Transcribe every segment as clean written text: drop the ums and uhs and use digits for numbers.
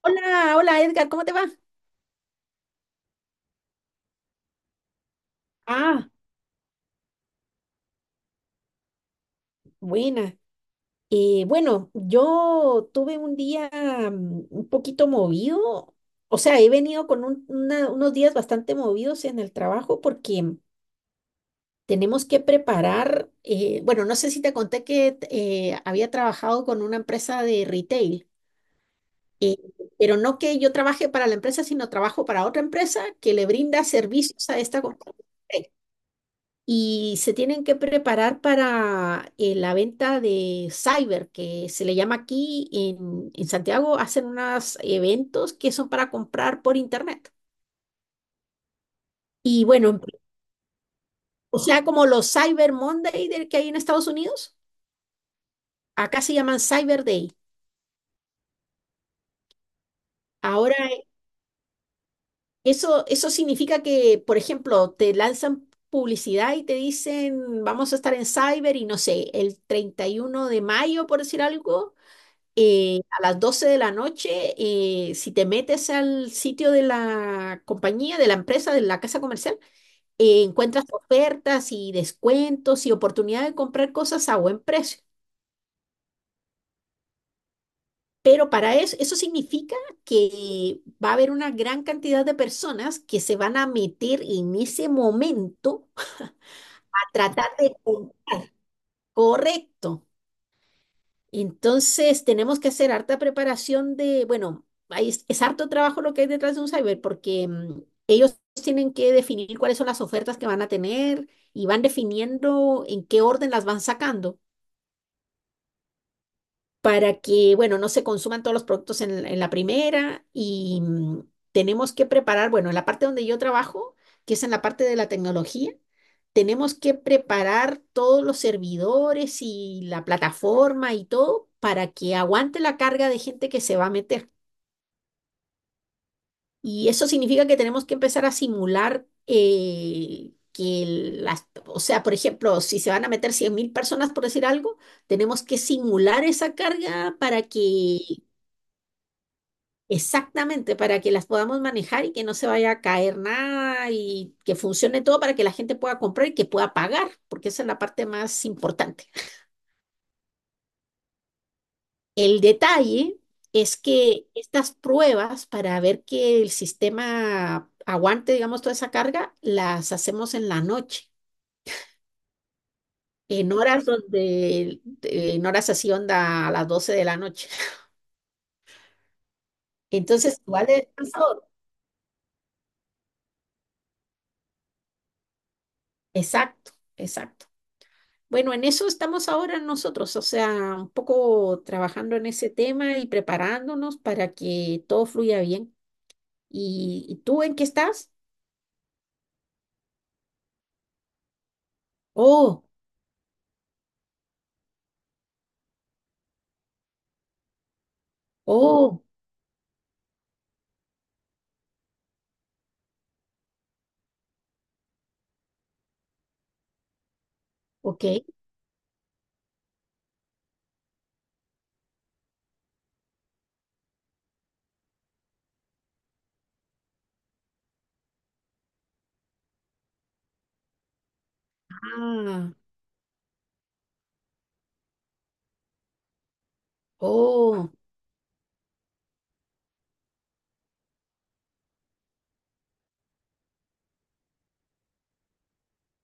Hola, hola Edgar, ¿cómo te va? Ah, buena. Bueno, yo tuve un día un poquito movido. O sea, he venido con unos días bastante movidos en el trabajo porque tenemos que preparar, bueno, no sé si te conté que había trabajado con una empresa de retail, eh, pero no que yo trabaje para la empresa, sino trabajo para otra empresa que le brinda servicios a esta compañía. Y se tienen que preparar para la venta de cyber, que se le llama aquí en Santiago. Hacen unos eventos que son para comprar por internet. Y bueno, o sea, como los Cyber Monday del que hay en Estados Unidos, acá se llaman Cyber Day. Ahora, eso significa que, por ejemplo, te lanzan publicidad y te dicen, vamos a estar en Cyber y no sé, el 31 de mayo, por decir algo, a las 12 de la noche. Si te metes al sitio de la compañía, de la empresa, de la casa comercial, encuentras ofertas y descuentos y oportunidad de comprar cosas a buen precio. Pero para eso, eso significa que va a haber una gran cantidad de personas que se van a meter en ese momento a tratar de comprar. Correcto. Entonces, tenemos que hacer harta preparación de, bueno, ahí es harto trabajo lo que hay detrás de un cyber, porque ellos tienen que definir cuáles son las ofertas que van a tener y van definiendo en qué orden las van sacando para que, bueno, no se consuman todos los productos en la primera y tenemos que preparar, bueno, en la parte donde yo trabajo, que es en la parte de la tecnología, tenemos que preparar todos los servidores y la plataforma y todo para que aguante la carga de gente que se va a meter. Y eso significa que tenemos que empezar a simular o sea, por ejemplo, si se van a meter 100.000 personas, por decir algo, tenemos que simular esa carga para que... Exactamente, para que las podamos manejar y que no se vaya a caer nada y que funcione todo para que la gente pueda comprar y que pueda pagar, porque esa es la parte más importante. El detalle es que estas pruebas para ver que el sistema aguante, digamos, toda esa carga, las hacemos en la noche, en horas donde, en horas así onda a las 12 de la noche. Entonces, igual es cansador. Exacto, exacto. Bueno, en eso estamos ahora nosotros, o sea, un poco trabajando en ese tema y preparándonos para que todo fluya bien. Y tú en qué estás? Oh, oh, ok. Ah, oh,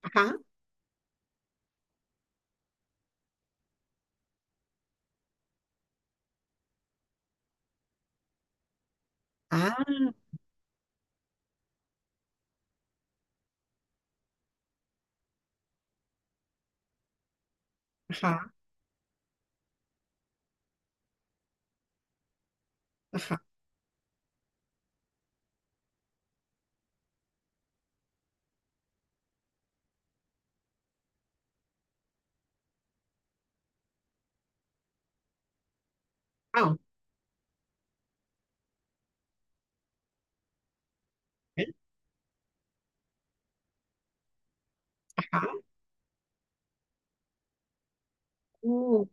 ajá, ah, ajá, ajá, wow, ¿eh? Ajá, uh,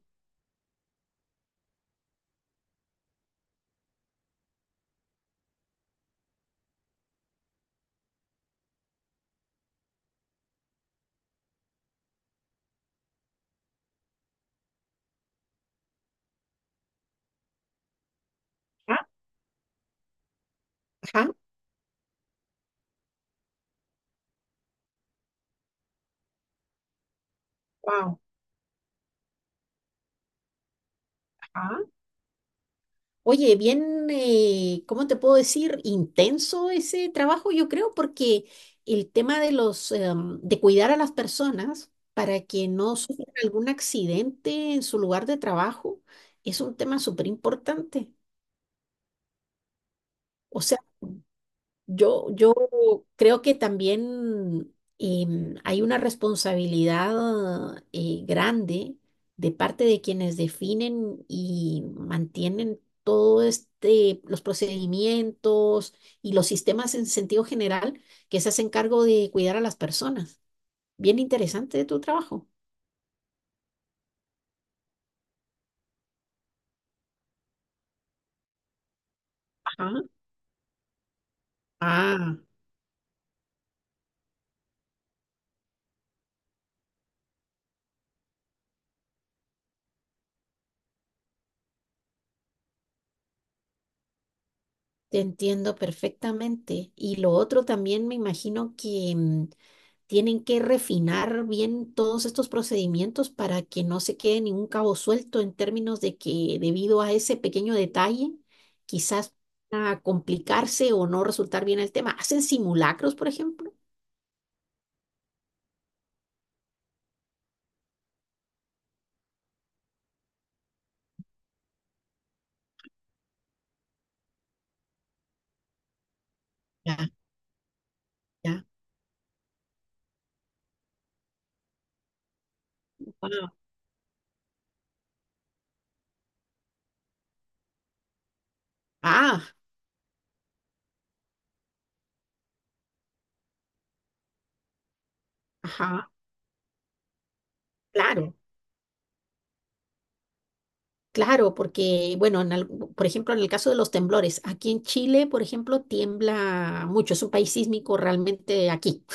ah, ajá, wow. Oye, bien, ¿cómo te puedo decir? Intenso ese trabajo, yo creo, porque el tema de los, de cuidar a las personas para que no sufran algún accidente en su lugar de trabajo es un tema súper importante. O sea, yo creo que también hay una responsabilidad grande de parte de quienes definen y mantienen todo este, los procedimientos y los sistemas en sentido general que se hacen cargo de cuidar a las personas. Bien interesante tu trabajo. Ajá. Ah, te entiendo perfectamente. Y lo otro también me imagino que tienen que refinar bien todos estos procedimientos para que no se quede ningún cabo suelto en términos de que debido a ese pequeño detalle, quizás a complicarse o no resultar bien el tema. ¿Hacen simulacros, por ejemplo? Ya, ya. Wao. Ah, ajá, claro. Claro, porque, bueno, por ejemplo, en el caso de los temblores, aquí en Chile, por ejemplo, tiembla mucho, es un país sísmico realmente aquí.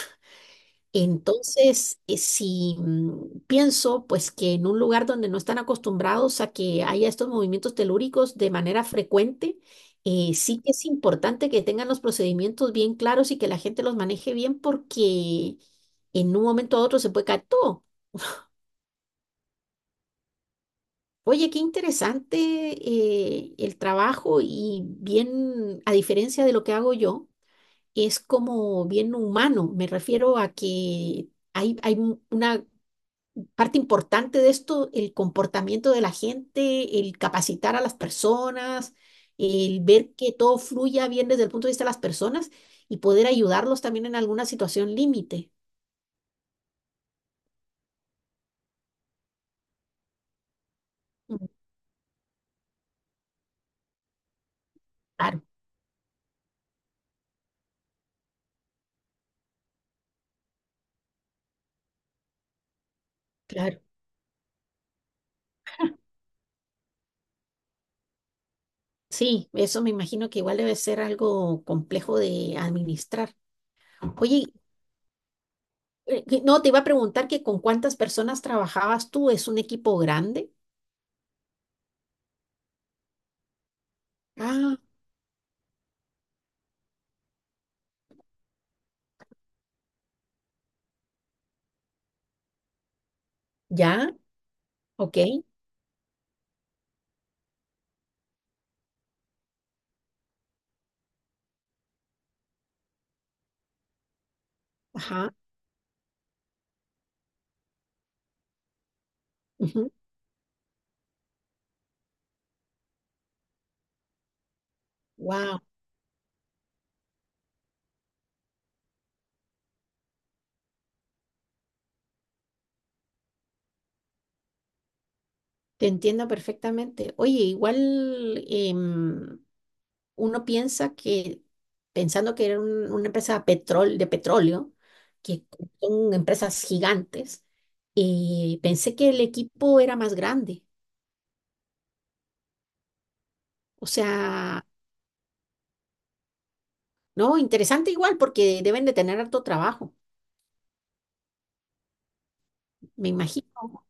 Entonces, si mm, pienso, pues, que en un lugar donde no están acostumbrados a que haya estos movimientos telúricos de manera frecuente, sí que es importante que tengan los procedimientos bien claros y que la gente los maneje bien porque en un momento a otro se puede caer todo. Oye, qué interesante el trabajo y bien, a diferencia de lo que hago yo, es como bien humano. Me refiero a que una parte importante de esto, el comportamiento de la gente, el capacitar a las personas, el ver que todo fluya bien desde el punto de vista de las personas y poder ayudarlos también en alguna situación límite. Mm, claro, claro. Sí, eso me imagino que igual debe ser algo complejo de administrar. Oye, no, te iba a preguntar que con cuántas personas trabajabas tú, ¿es un equipo grande? Ah, ya, ok, ajá, wow. Te entiendo perfectamente. Oye, igual uno piensa que, pensando que era una empresa de petróleo, que son empresas gigantes, pensé que el equipo era más grande. O sea, no, interesante igual, porque deben de tener harto trabajo, me imagino.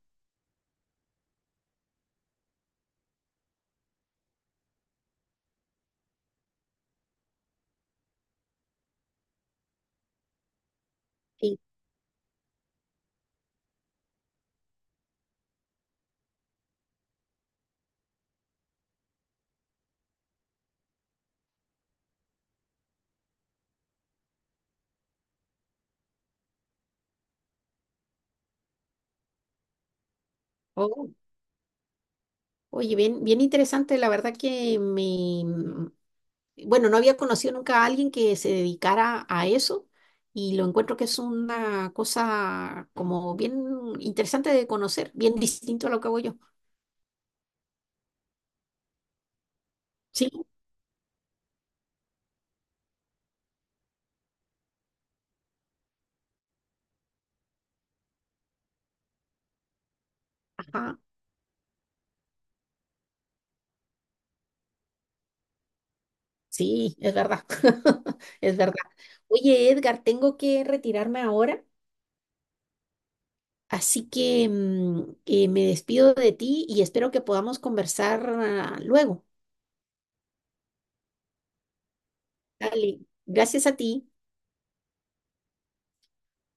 Sí. Oh, oye, bien, bien interesante, la verdad que me, bueno, no había conocido nunca a alguien que se dedicara a eso y lo encuentro que es una cosa como bien interesante de conocer, bien distinto a lo que hago yo. Sí, ajá, sí, es verdad, es verdad. Oye, Edgar, tengo que retirarme ahora, así que me despido de ti y espero que podamos conversar luego. Dale, gracias a ti.